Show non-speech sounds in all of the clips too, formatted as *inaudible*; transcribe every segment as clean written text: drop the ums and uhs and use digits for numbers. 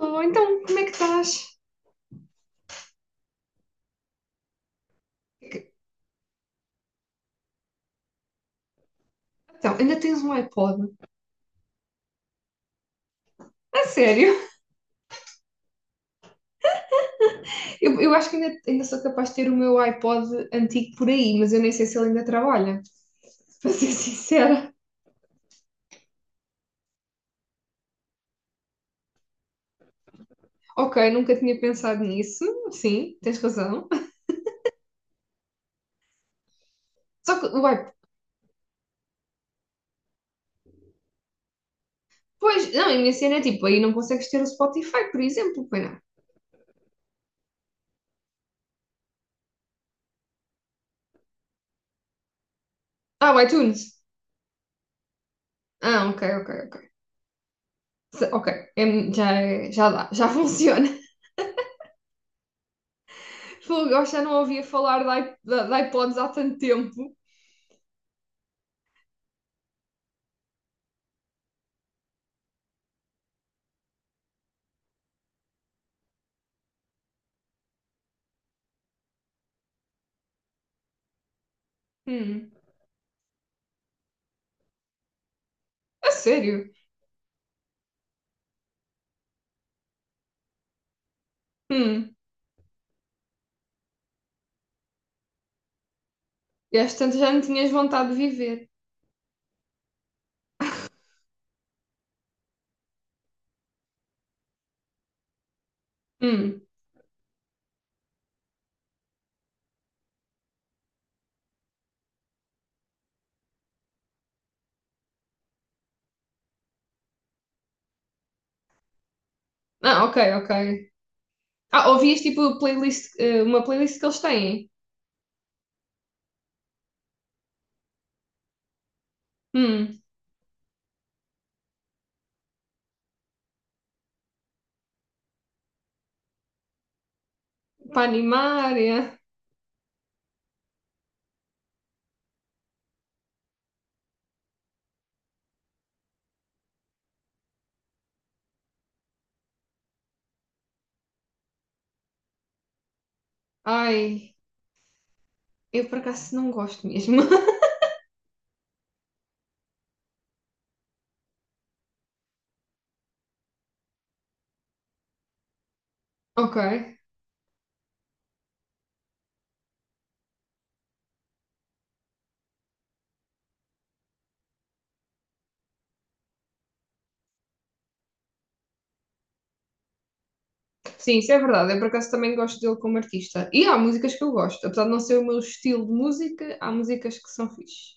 Alô, então como é que estás? Então, ainda tens um iPod? A sério? Eu acho que ainda sou capaz de ter o meu iPod antigo por aí, mas eu nem sei se ele ainda trabalha, *laughs* para ser sincera. Ok, nunca tinha pensado nisso, sim, tens razão. Só que o iPod, pois, não, a minha cena é tipo, aí não consegues ter o Spotify, por exemplo, pois não. Ah, o iTunes. Ah, ok, ok, ok. Ok, já, já dá, já *laughs* funciona. Fogo, eu já não ouvia falar de, de iPods há tanto tempo. Hum. A sério? Hum. E às tantas já não tinhas vontade de viver. Hum. Ah, ok, ok. Ah, ouvias tipo playlist, uma playlist que eles têm? Hum. Para animar, é? Ai, eu por acaso não gosto mesmo. *laughs* Ok. Sim, isso é verdade. Eu por acaso também gosto dele como artista. E há músicas que eu gosto. Apesar de não ser o meu estilo de música, há músicas que são fixe.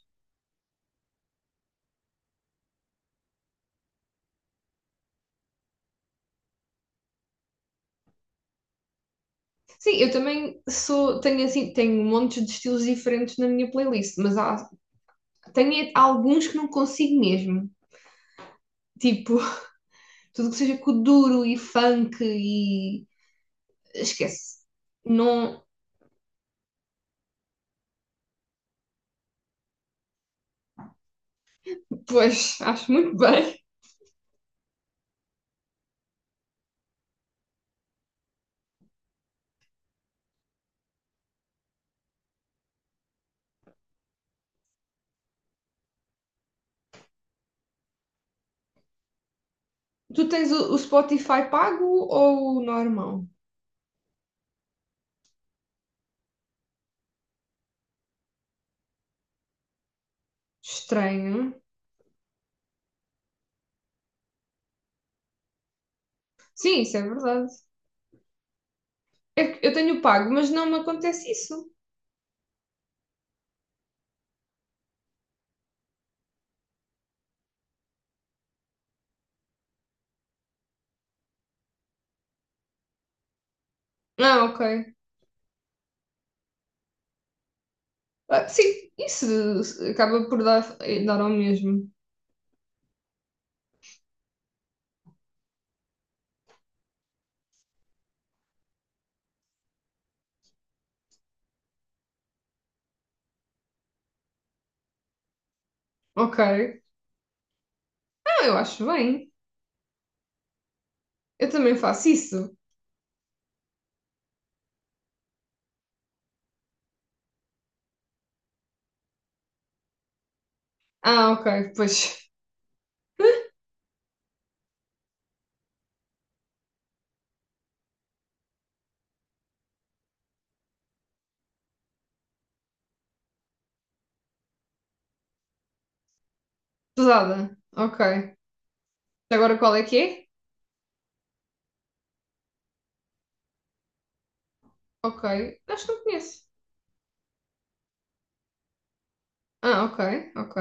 Sim, eu também sou, tenho assim, tenho montes de estilos diferentes na minha playlist, mas há, tenho alguns que não consigo mesmo. Tipo, tudo que seja kuduro e funk e. Esquece. Não. Pois, acho muito bem. Tu tens o Spotify pago ou o normal? Estranho. Sim, isso é verdade. É que eu tenho pago, mas não me acontece isso. Ah, ok. Ah, sim, isso acaba por dar, eh, dar ao mesmo. Ok. Ah, eu acho bem. Eu também faço isso. Ah, ok. Pois, pesada. Ok. Agora qual é que é? Ok. Acho que não conheço. Ah, ok, ok,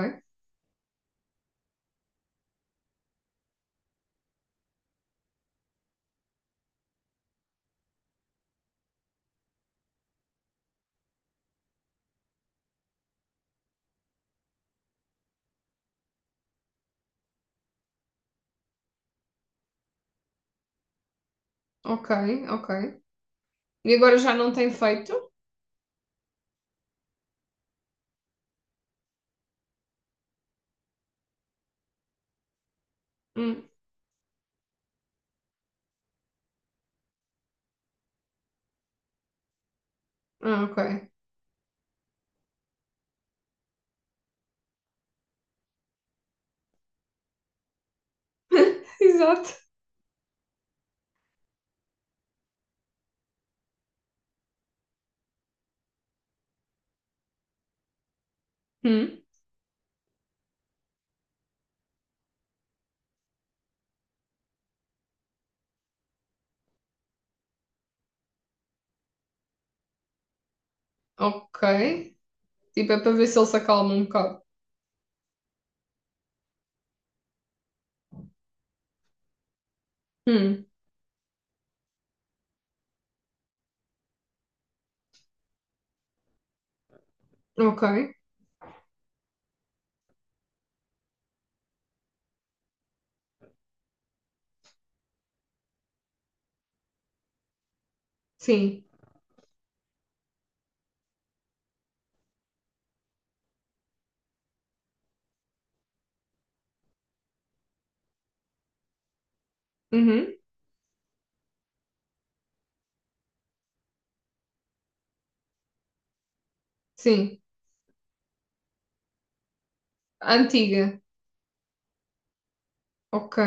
ok, ok. E agora já não tem feito? Hum. Ah, ok. *laughs* Exato. Hum, ok. Tipo, é para ver se ele se acalma um bocado. Hum, ok. Sim. Uhum, sim. Antiga. Ok,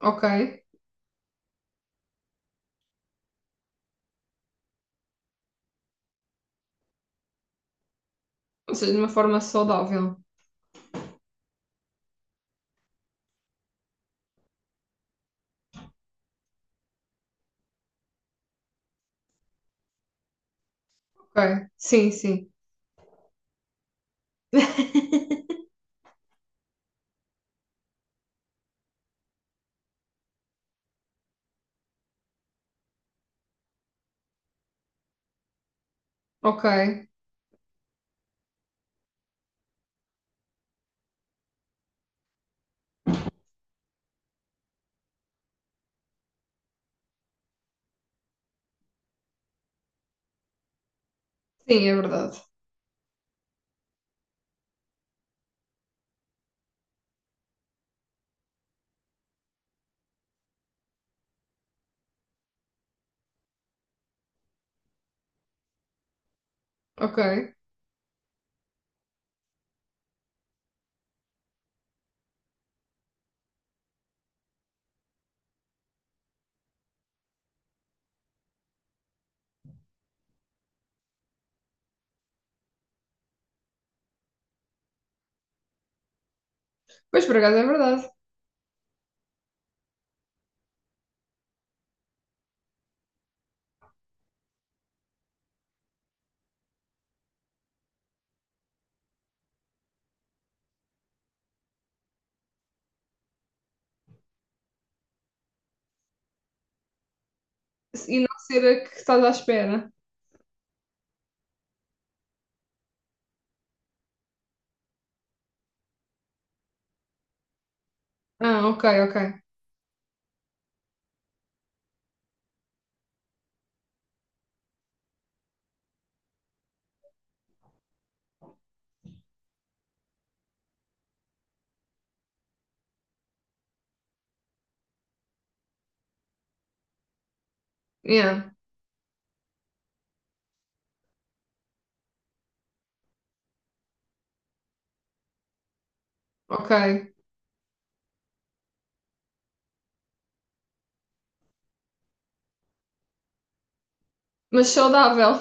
ok. Ou seja, de uma forma saudável. Ok. Sim, sim. Ok. Sim, é verdade. Ok. Pois, por acaso é verdade. E não ser a que estás à espera. Ah, ok, ok. Yeah, ok. Mas saudável.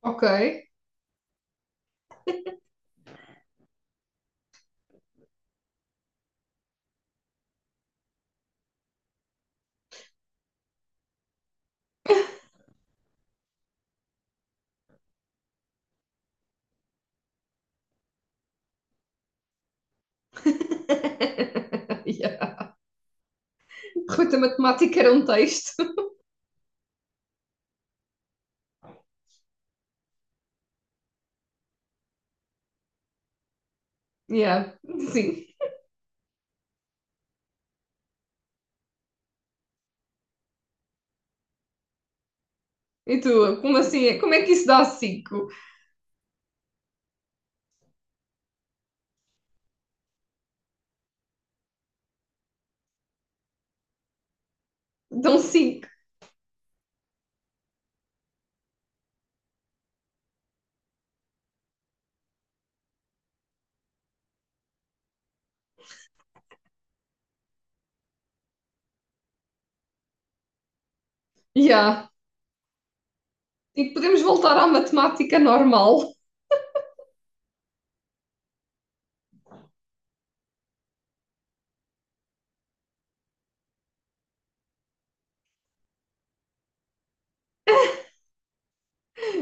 Ok. *laughs* Yeah. Ruta Matemática era um texto. Yeah, sim. E tu, como assim? Como é que isso dá 5? Dão cinco. Yeah. E podemos voltar à matemática normal.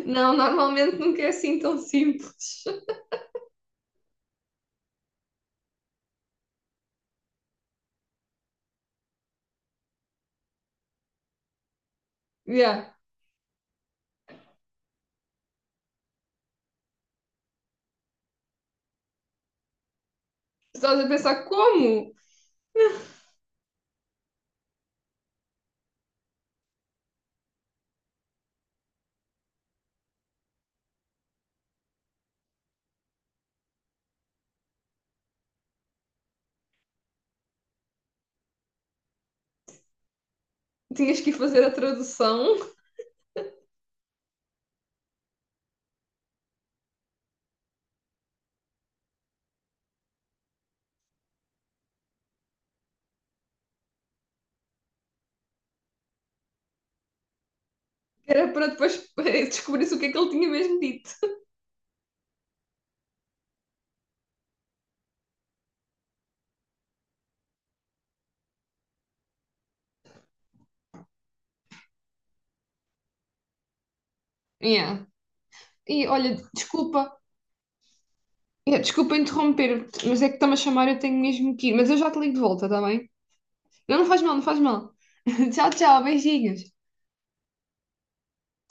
Não, normalmente nunca é assim tão simples. Yeah. Estavas a pensar como? Tinhas que ir fazer a tradução, era para depois *laughs* descobrir o que é que ele tinha mesmo dito. Yeah. E olha, desculpa, yeah, desculpa interromper, mas é que está-me a chamar, eu tenho mesmo que ir. Mas eu já te ligo de volta, está bem? Não, não faz mal, não faz mal. *laughs* Tchau, tchau, beijinhos.